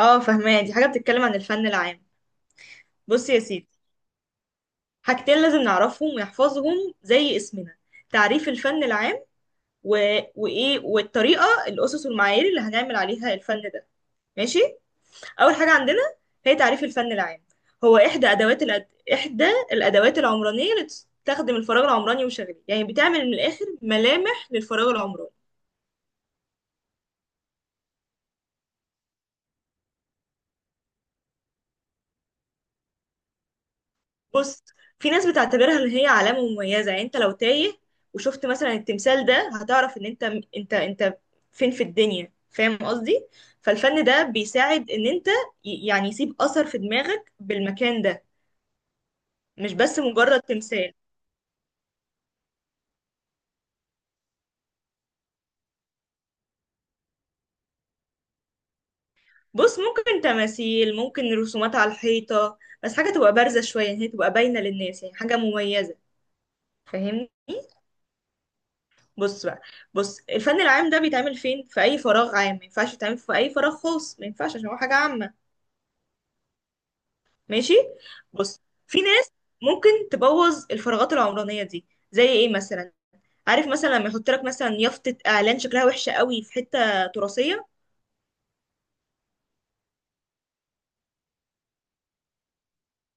اه فهماه، دي حاجة بتتكلم عن الفن العام. بص يا سيدي، حاجتين لازم نعرفهم ونحفظهم زي اسمنا: تعريف الفن العام و... وإيه والطريقة، الأسس والمعايير اللي هنعمل عليها الفن ده. ماشي، أول حاجة عندنا هي تعريف الفن العام. هو إحدى الأدوات العمرانية اللي تستخدم الفراغ العمراني وشغله، يعني بتعمل من الآخر ملامح للفراغ العمراني. بص، في ناس بتعتبرها ان هي علامة مميزة، يعني انت لو تايه وشفت مثلا التمثال ده هتعرف ان انت فين في الدنيا، فاهم قصدي؟ فالفن ده بيساعد ان انت يعني يسيب اثر في دماغك بالمكان ده، مش بس مجرد تمثال. بص، ممكن تماثيل، ممكن رسومات على الحيطة، بس حاجة تبقى بارزة شوية، يعني هي تبقى باينة للناس، يعني حاجة مميزة. فاهمني؟ بص بقى، بص، الفن العام ده بيتعمل فين؟ في اي فراغ عام. ما ينفعش يتعمل في اي فراغ خاص، ما ينفعش، عشان هو حاجة عامة. ماشي. بص، في ناس ممكن تبوظ الفراغات العمرانيه دي. زي ايه مثلا؟ عارف مثلا لما يحط لك مثلا يافطه اعلان شكلها وحشه قوي في حته تراثيه،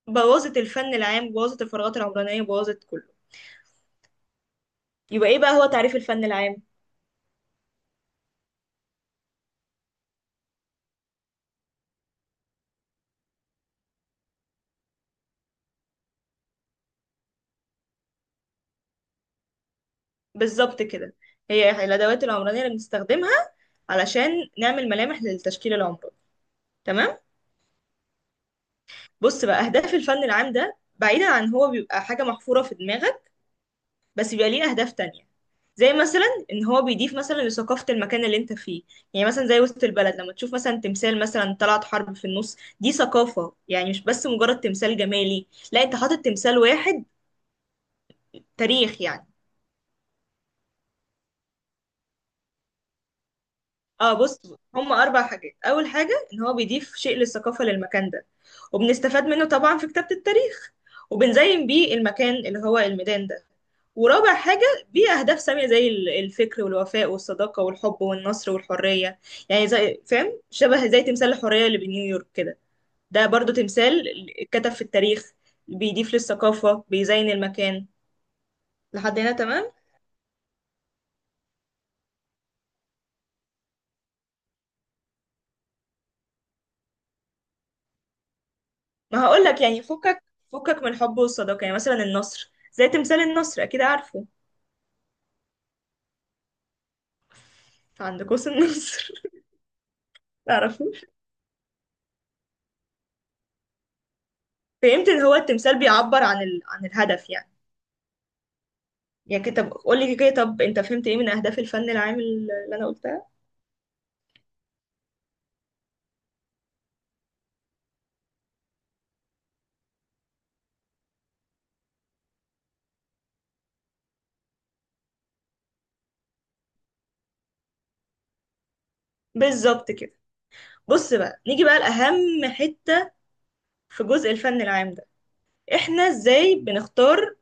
بوظت الفن العام، بوظت الفراغات العمرانيه، بوظت كله. يبقى ايه بقى هو تعريف الفن العام؟ بالظبط كده، هي الادوات العمرانيه اللي بنستخدمها علشان نعمل ملامح للتشكيل العمراني. تمام. بص بقى، اهداف الفن العام ده، بعيدا عن هو بيبقى حاجه محفوره في دماغك، بس بيبقى ليه أهداف تانية. زي مثلا، إن هو بيضيف مثلا لثقافة المكان اللي أنت فيه. يعني مثلا زي وسط البلد، لما تشوف مثلا تمثال مثلا طلعت حرب في النص، دي ثقافة، يعني مش بس مجرد تمثال جمالي، لا، أنت حاطط تمثال، واحد تاريخ يعني. اه بص، هما اربع حاجات. اول حاجه ان هو بيضيف شيء للثقافه للمكان ده، وبنستفاد منه طبعا في كتابه التاريخ، وبنزين بيه المكان اللي هو الميدان ده، ورابع حاجة بيه أهداف سامية زي الفكر والوفاء والصداقة والحب والنصر والحرية. يعني زي، فاهم، شبه زي تمثال الحرية اللي بنيويورك كده، ده برضو تمثال اتكتب في التاريخ، بيضيف للثقافة، بيزين المكان. لحد هنا تمام؟ ما هقولك يعني، فكك، فكك من الحب والصداقة، يعني مثلا النصر زي تمثال النصر، أكيد عارفه، عند قوس النصر. تعرفه؟ فهمت ان هو التمثال بيعبر عن عن الهدف يعني. يعني كده، طب قول لي كده، طب انت فهمت ايه من اهداف الفن العام اللي انا قلتها؟ بالظبط كده. بص بقى، نيجي بقى لأهم حتة في جزء الفن العام ده. احنا ازاي بنختار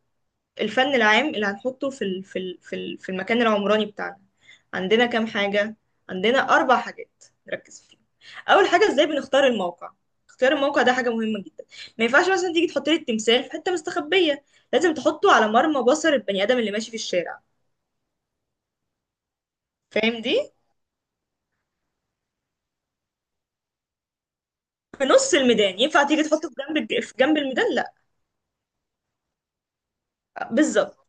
الفن العام اللي هنحطه في ال في ال في, ال في المكان العمراني بتاعنا؟ عندنا كام حاجة؟ عندنا أربع حاجات نركز فيهم. أول حاجة، ازاي بنختار الموقع. اختيار الموقع ده حاجة مهمة جدا، ما ينفعش مثلا تيجي تحط لي التمثال في حتة مستخبية، لازم تحطه على مرمى بصر البني آدم اللي ماشي في الشارع. فاهم دي؟ في نص الميدان. ينفع تيجي تحطه في في جنب الميدان؟ لا. بالظبط،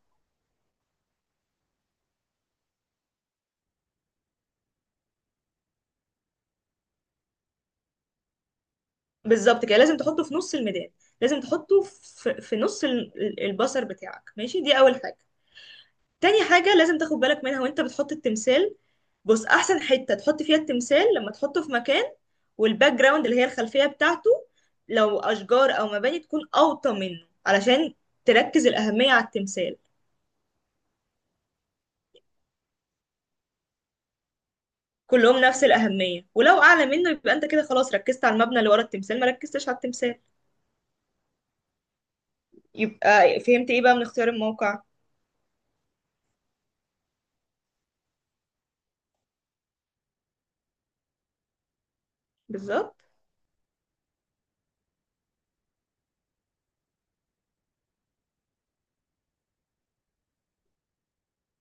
بالظبط كده، لازم تحطه في نص الميدان، لازم تحطه في نص البصر بتاعك ماشي. دي اول حاجه. تاني حاجه لازم تاخد بالك منها وانت بتحط التمثال، بص، احسن حته تحط فيها التمثال لما تحطه في مكان والباك جراوند، اللي هي الخلفيه بتاعته، لو اشجار او مباني، تكون اوطى منه علشان تركز الاهميه على التمثال. كلهم نفس الاهميه، ولو اعلى منه يبقى انت كده خلاص ركزت على المبنى اللي ورا التمثال، ما ركزتش على التمثال. يبقى فهمت ايه بقى من اختيار الموقع؟ بالظبط،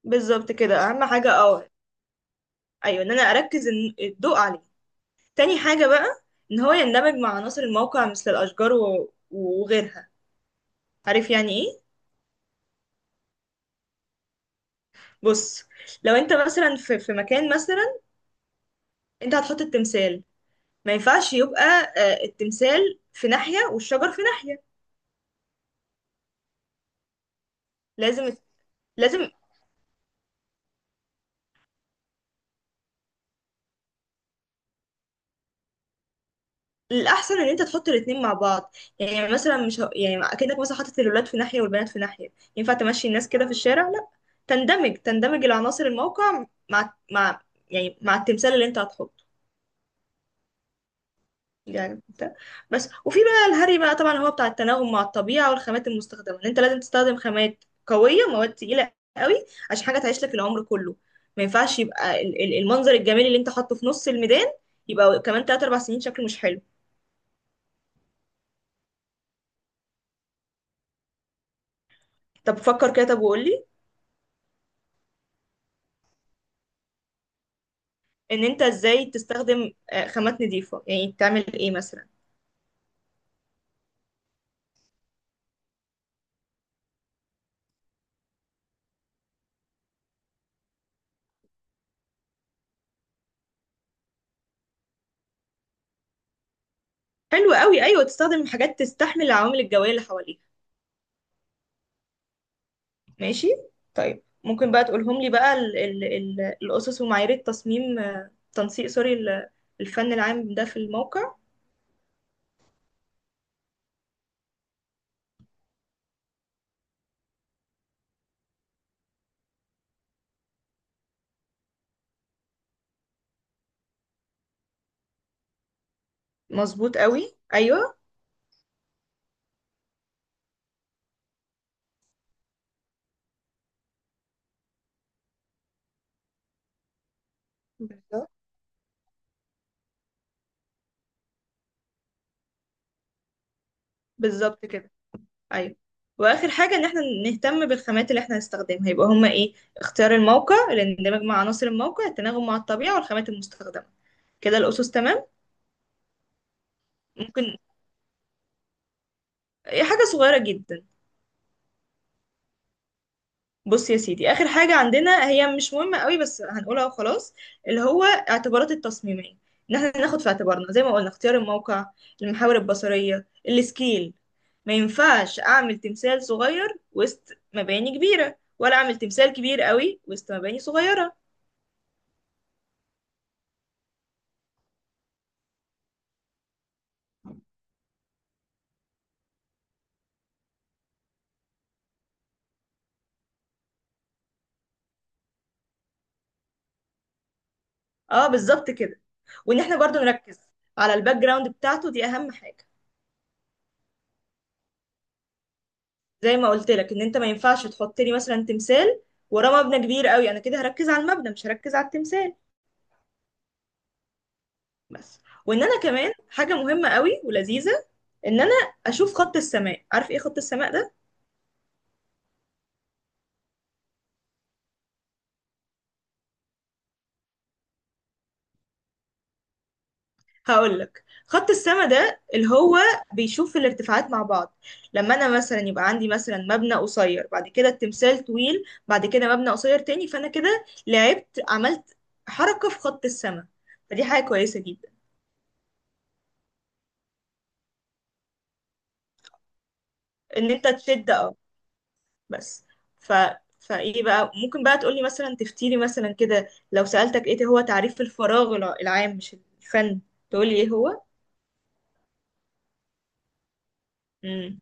بالظبط كده، اهم حاجه. اه ايوه، ان انا اركز الضوء عليه. تاني حاجه بقى، ان هو يندمج مع عناصر الموقع مثل الاشجار وغيرها. عارف يعني ايه؟ بص، لو انت مثلا في مكان مثلا، انت هتحط التمثال، ما ينفعش يبقى التمثال في ناحيه والشجر في ناحيه. لازم، لازم الاحسن ان انت تحط الاتنين مع بعض. يعني مثلا مش يعني اكنك مثلا حاطط الولاد في ناحيه والبنات في ناحيه، ينفع تمشي الناس كده في الشارع؟ لا. تندمج العناصر الموقع مع يعني مع التمثال اللي انت هتحطه. يعني ده. بس، وفي بقى الهري بقى، طبعا هو بتاع التناغم مع الطبيعة والخامات المستخدمة، ان انت لازم تستخدم خامات قوية، مواد تقيلة قوي، عشان حاجة تعيش لك العمر كله. ما ينفعش يبقى المنظر الجميل اللي انت حاطه في نص الميدان يبقى كمان 3 4 سنين شكله مش حلو. طب فكر كده طب وقول لي، ان انت ازاي تستخدم خامات نظيفة، يعني تعمل ايه مثلا؟ حلو قوي، ايوه، تستخدم حاجات تستحمل العوامل الجوية اللي حواليك. ماشي. طيب ممكن بقى تقولهم لي بقى ال ال ال الأسس ومعايير التصميم، تنسيق، سوري، الفن العام ده في الموقع؟ مظبوط قوي، أيوه. بالظبط، بالظبط كده. أيوه. وآخر حاجة إن احنا نهتم بالخامات اللي احنا هنستخدمها. يبقى هما إيه؟ اختيار الموقع، الاندماج مع عناصر الموقع، التناغم مع الطبيعة والخامات المستخدمة. كده الأسس تمام. ممكن، إيه حاجة صغيرة جدا. بص يا سيدي، اخر حاجه عندنا، هي مش مهمه قوي بس هنقولها وخلاص، اللي هو اعتبارات التصميميه، ان احنا ناخد في اعتبارنا زي ما قلنا اختيار الموقع، المحاور البصريه، السكيل. ما ينفعش اعمل تمثال صغير وسط مباني كبيره، ولا اعمل تمثال كبير قوي وسط مباني صغيره. اه بالظبط كده. وان احنا برضو نركز على الباك جراوند بتاعته، دي اهم حاجه. زي ما قلت لك، ان انت ما ينفعش تحط لي مثلا تمثال وراه مبنى كبير قوي، انا كده هركز على المبنى، مش هركز على التمثال. بس. وان انا كمان حاجه مهمه قوي ولذيذه، ان انا اشوف خط السماء. عارف ايه خط السماء ده؟ هقول لك. خط السماء ده اللي هو بيشوف الارتفاعات مع بعض. لما انا مثلا يبقى عندي مثلا مبنى قصير، بعد كده التمثال طويل، بعد كده مبنى قصير تاني، فانا كده لعبت، عملت حركه في خط السماء. فدي حاجه كويسه جدا، ان انت تشد، اه. بس. ف فايه بقى، ممكن بقى تقولي مثلا، تفتيلي مثلا كده، لو سألتك ايه هو تعريف الفراغ العام، مش الفن، تقولي ايه هو؟ امم.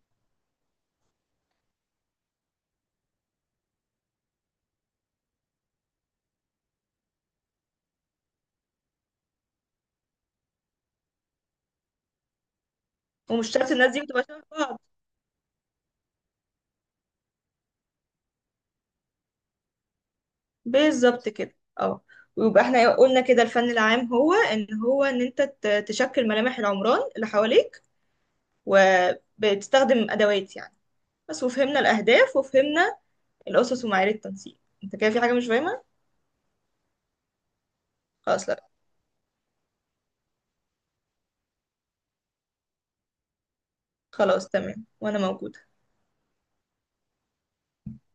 ومش شرط الناس دي بتبقى شبه بعض. بالظبط كده، اه. ويبقى احنا قلنا كده، الفن العام هو ان هو ان انت تشكل ملامح العمران اللي حواليك، وبتستخدم ادوات يعني. بس. وفهمنا الاهداف، وفهمنا الاسس ومعايير التنسيق. انت كده في حاجة مش فاهمة؟ خلاص، لا، خلاص تمام، وانا موجودة.